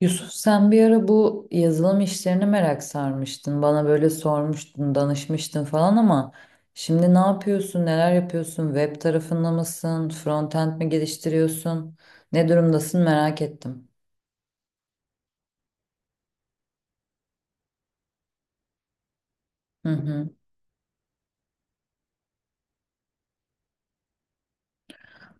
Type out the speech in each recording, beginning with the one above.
Yusuf sen bir ara bu yazılım işlerine merak sarmıştın. Bana böyle sormuştun, danışmıştın falan ama şimdi ne yapıyorsun, neler yapıyorsun? Web tarafında mısın? Frontend mi geliştiriyorsun? Ne durumdasın merak ettim. Hı hı.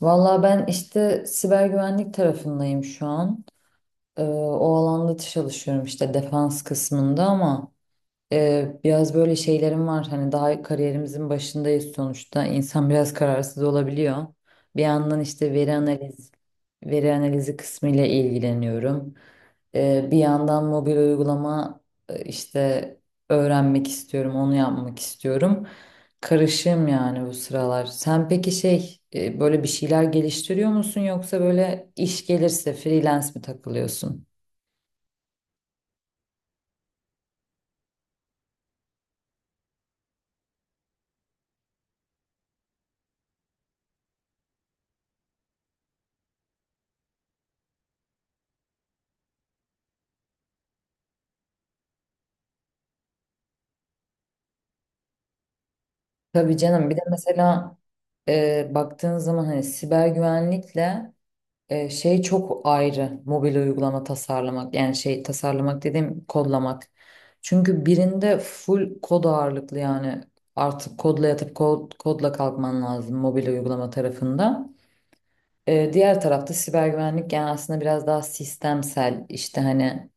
Valla ben işte siber güvenlik tarafındayım şu an. O alanda çalışıyorum işte defans kısmında ama biraz böyle şeylerim var. Hani daha kariyerimizin başındayız sonuçta. İnsan biraz kararsız olabiliyor. Bir yandan işte veri analizi kısmı ile ilgileniyorum. Bir yandan mobil uygulama işte öğrenmek istiyorum, onu yapmak istiyorum. Karışığım yani bu sıralar. Sen peki böyle bir şeyler geliştiriyor musun yoksa böyle iş gelirse freelance mi takılıyorsun? Tabii canım bir de mesela baktığın zaman hani siber güvenlikle çok ayrı mobil uygulama tasarlamak, yani şey tasarlamak dediğim kodlamak. Çünkü birinde full kod ağırlıklı, yani artık kodla yatıp kodla kalkman lazım mobil uygulama tarafında. Diğer tarafta siber güvenlik yani aslında biraz daha sistemsel, işte hani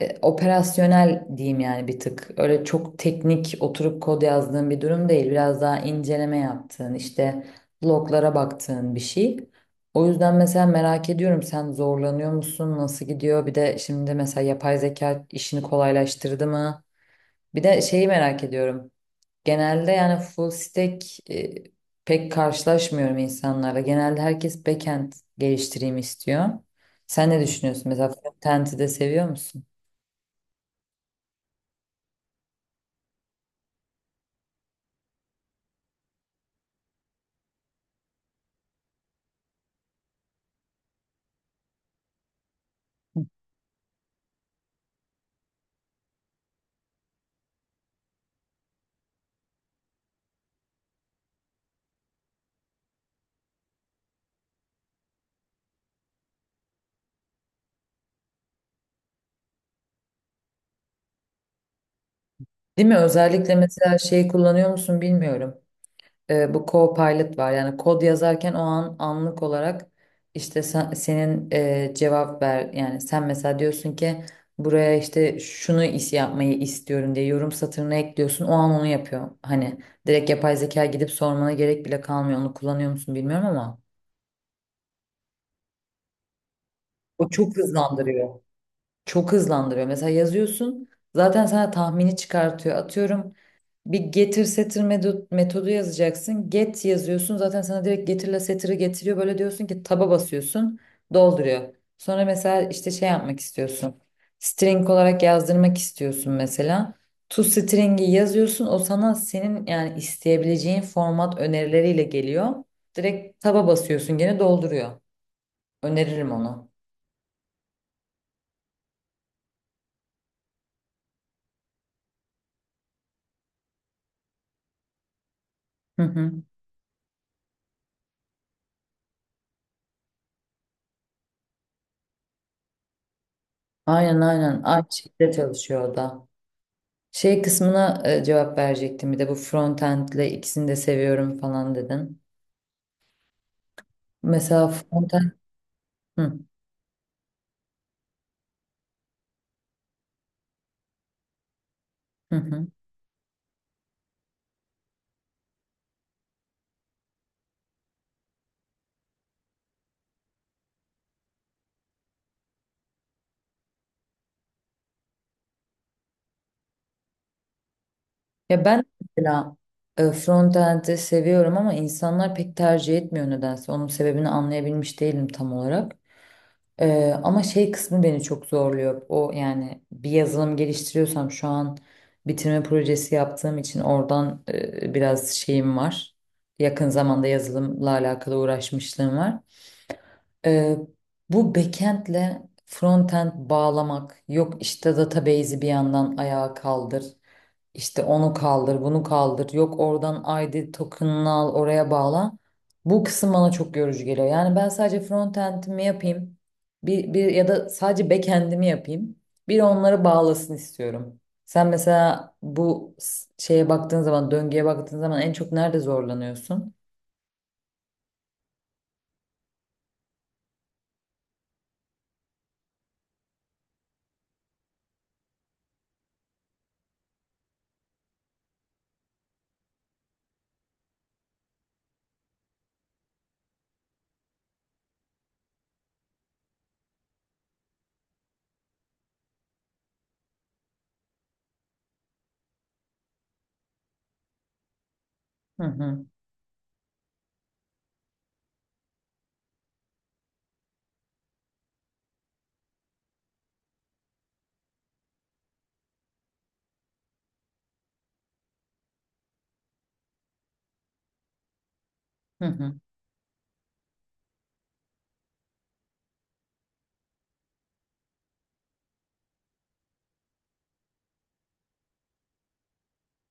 operasyonel diyeyim yani bir tık. Öyle çok teknik oturup kod yazdığın bir durum değil. Biraz daha inceleme yaptığın, işte loglara baktığın bir şey. O yüzden mesela merak ediyorum, sen zorlanıyor musun? Nasıl gidiyor? Bir de şimdi mesela yapay zeka işini kolaylaştırdı mı? Bir de şeyi merak ediyorum. Genelde yani full stack e, pek karşılaşmıyorum insanlarla. Genelde herkes backend geliştireyim istiyor. Sen ne düşünüyorsun? Mesela frontend'i de seviyor musun? Değil mi? Özellikle mesela şeyi kullanıyor musun bilmiyorum. Bu Copilot var. Yani kod yazarken o an anlık olarak işte senin cevap ver. Yani sen mesela diyorsun ki buraya işte şunu is yapmayı istiyorum diye yorum satırına ekliyorsun. O an onu yapıyor. Hani direkt yapay zeka gidip sormana gerek bile kalmıyor. Onu kullanıyor musun bilmiyorum ama o çok hızlandırıyor. Çok hızlandırıyor. Mesela yazıyorsun, zaten sana tahmini çıkartıyor. Atıyorum bir getir setir metodu yazacaksın. Get yazıyorsun, zaten sana direkt getirle setiri getiriyor. Böyle diyorsun ki taba basıyorsun, dolduruyor. Sonra mesela işte şey yapmak istiyorsun. String olarak yazdırmak istiyorsun mesela. To string'i yazıyorsun, o sana senin yani isteyebileceğin format önerileriyle geliyor. Direkt taba basıyorsun, gene dolduruyor. Öneririm onu. Hı hı. Aynen aynen. Aynı şekilde çalışıyor o da. Şey kısmına cevap verecektim bir de, bu frontend'le ikisini de seviyorum falan dedin. Mesela frontend hı, hı, hı. Ya ben mesela frontend'i seviyorum ama insanlar pek tercih etmiyor nedense. Onun sebebini anlayabilmiş değilim tam olarak. Ama şey kısmı beni çok zorluyor. O yani bir yazılım geliştiriyorsam şu an bitirme projesi yaptığım için oradan biraz şeyim var. Yakın zamanda yazılımla alakalı uğraşmışlığım var. Ee, Bu backend'le frontend bağlamak, yok işte database'i bir yandan ayağa kaldır. İşte onu kaldır, bunu kaldır. Yok oradan ID token'ını al, oraya bağla. Bu kısım bana çok yorucu geliyor. Yani ben sadece frontend'imi yapayım. Bir ya da sadece backend'imi yapayım. Bir onları bağlasın istiyorum. Sen mesela bu şeye baktığın zaman, döngüye baktığın zaman en çok nerede zorlanıyorsun? Hı hı. Hı hı.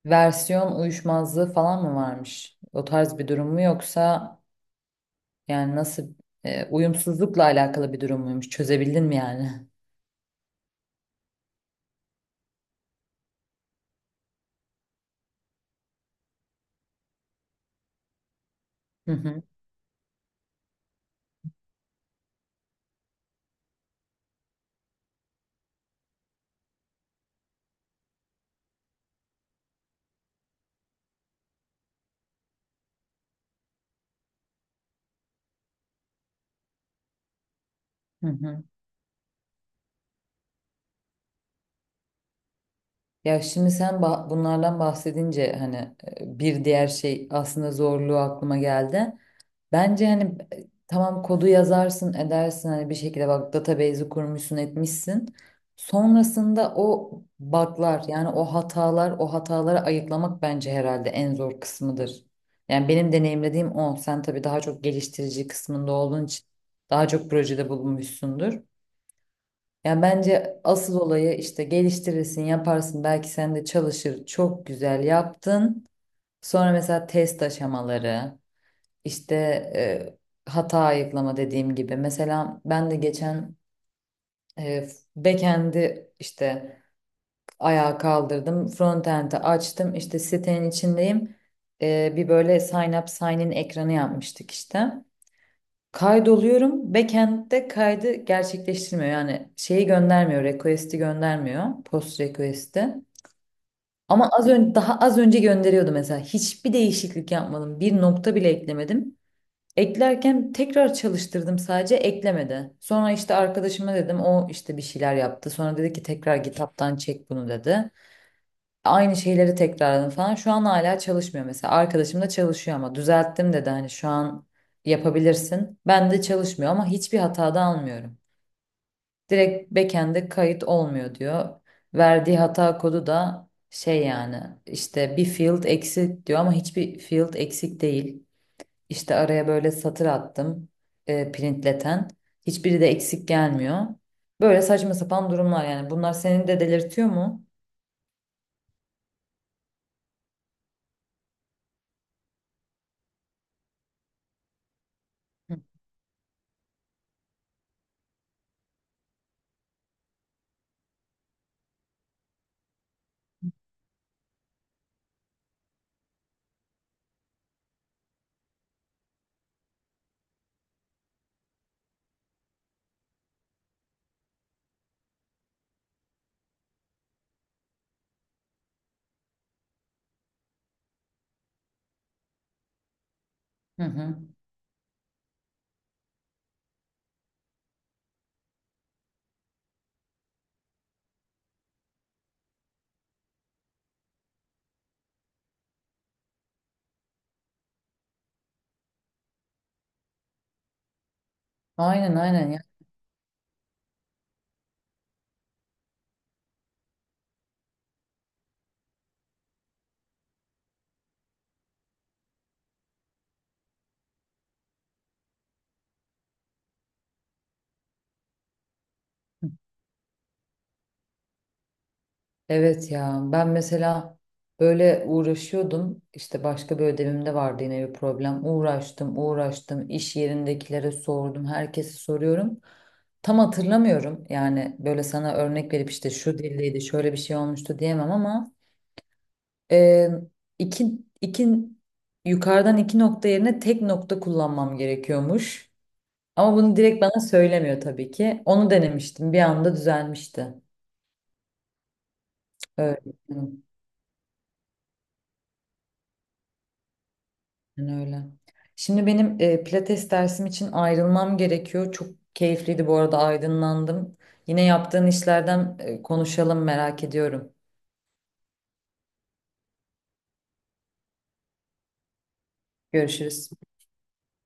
Versiyon uyuşmazlığı falan mı varmış? O tarz bir durum mu, yoksa yani nasıl, uyumsuzlukla alakalı bir durum muymuş? Çözebildin mi yani? Hı hı. Ya şimdi sen bunlardan bahsedince hani bir diğer şey aslında zorluğu aklıma geldi. Bence hani tamam kodu yazarsın edersin hani bir şekilde, bak database'i kurmuşsun etmişsin. Sonrasında o bug'lar yani o hatalar, o hataları ayıklamak bence herhalde en zor kısmıdır. Yani benim deneyimlediğim o. Sen tabii daha çok geliştirici kısmında olduğun için daha çok projede bulunmuşsundur. Ya bence asıl olayı, işte geliştirirsin, yaparsın. Belki sen de çalışır. Çok güzel yaptın. Sonra mesela test aşamaları, işte hata ayıklama, dediğim gibi. Mesela ben de geçen e, backend'i işte ayağa kaldırdım. Frontend'i açtım. İşte sitenin içindeyim. Bir böyle sign up, sign in ekranı yapmıştık işte. Kaydoluyorum. Backend'de kaydı gerçekleştirmiyor. Yani şeyi göndermiyor. Request'i göndermiyor. Post request'i. Ama az önce, daha az önce gönderiyordu mesela. Hiçbir değişiklik yapmadım. Bir nokta bile eklemedim. Eklerken tekrar çalıştırdım, sadece eklemedi. Sonra işte arkadaşıma dedim, o işte bir şeyler yaptı. Sonra dedi ki tekrar GitHub'tan çek bunu dedi. Aynı şeyleri tekrarladım falan. Şu an hala çalışmıyor mesela. Arkadaşım da çalışıyor ama düzelttim dedi, hani şu an yapabilirsin. Ben de çalışmıyor ama hiçbir hata da almıyorum. Direkt backend'e kayıt olmuyor diyor. Verdiği hata kodu da şey, yani işte bir field eksik diyor ama hiçbir field eksik değil. İşte araya böyle satır attım printleten. Hiçbiri de eksik gelmiyor. Böyle saçma sapan durumlar yani. Bunlar seni de delirtiyor mu? Hı hı. hı. Aynen aynen. Evet ya, ben mesela böyle uğraşıyordum, işte başka bir ödevimde vardı yine bir problem, uğraştım uğraştım, iş yerindekilere sordum, herkese soruyorum, tam hatırlamıyorum yani böyle sana örnek verip işte şu dildeydi şöyle bir şey olmuştu diyemem ama e, iki yukarıdan iki nokta yerine tek nokta kullanmam gerekiyormuş, ama bunu direkt bana söylemiyor tabii ki. Onu denemiştim, bir anda düzelmişti. Öyle. Yani öyle. Şimdi benim pilates dersim için ayrılmam gerekiyor. Çok keyifliydi bu arada, aydınlandım. Yine yaptığın işlerden konuşalım, merak ediyorum. Görüşürüz.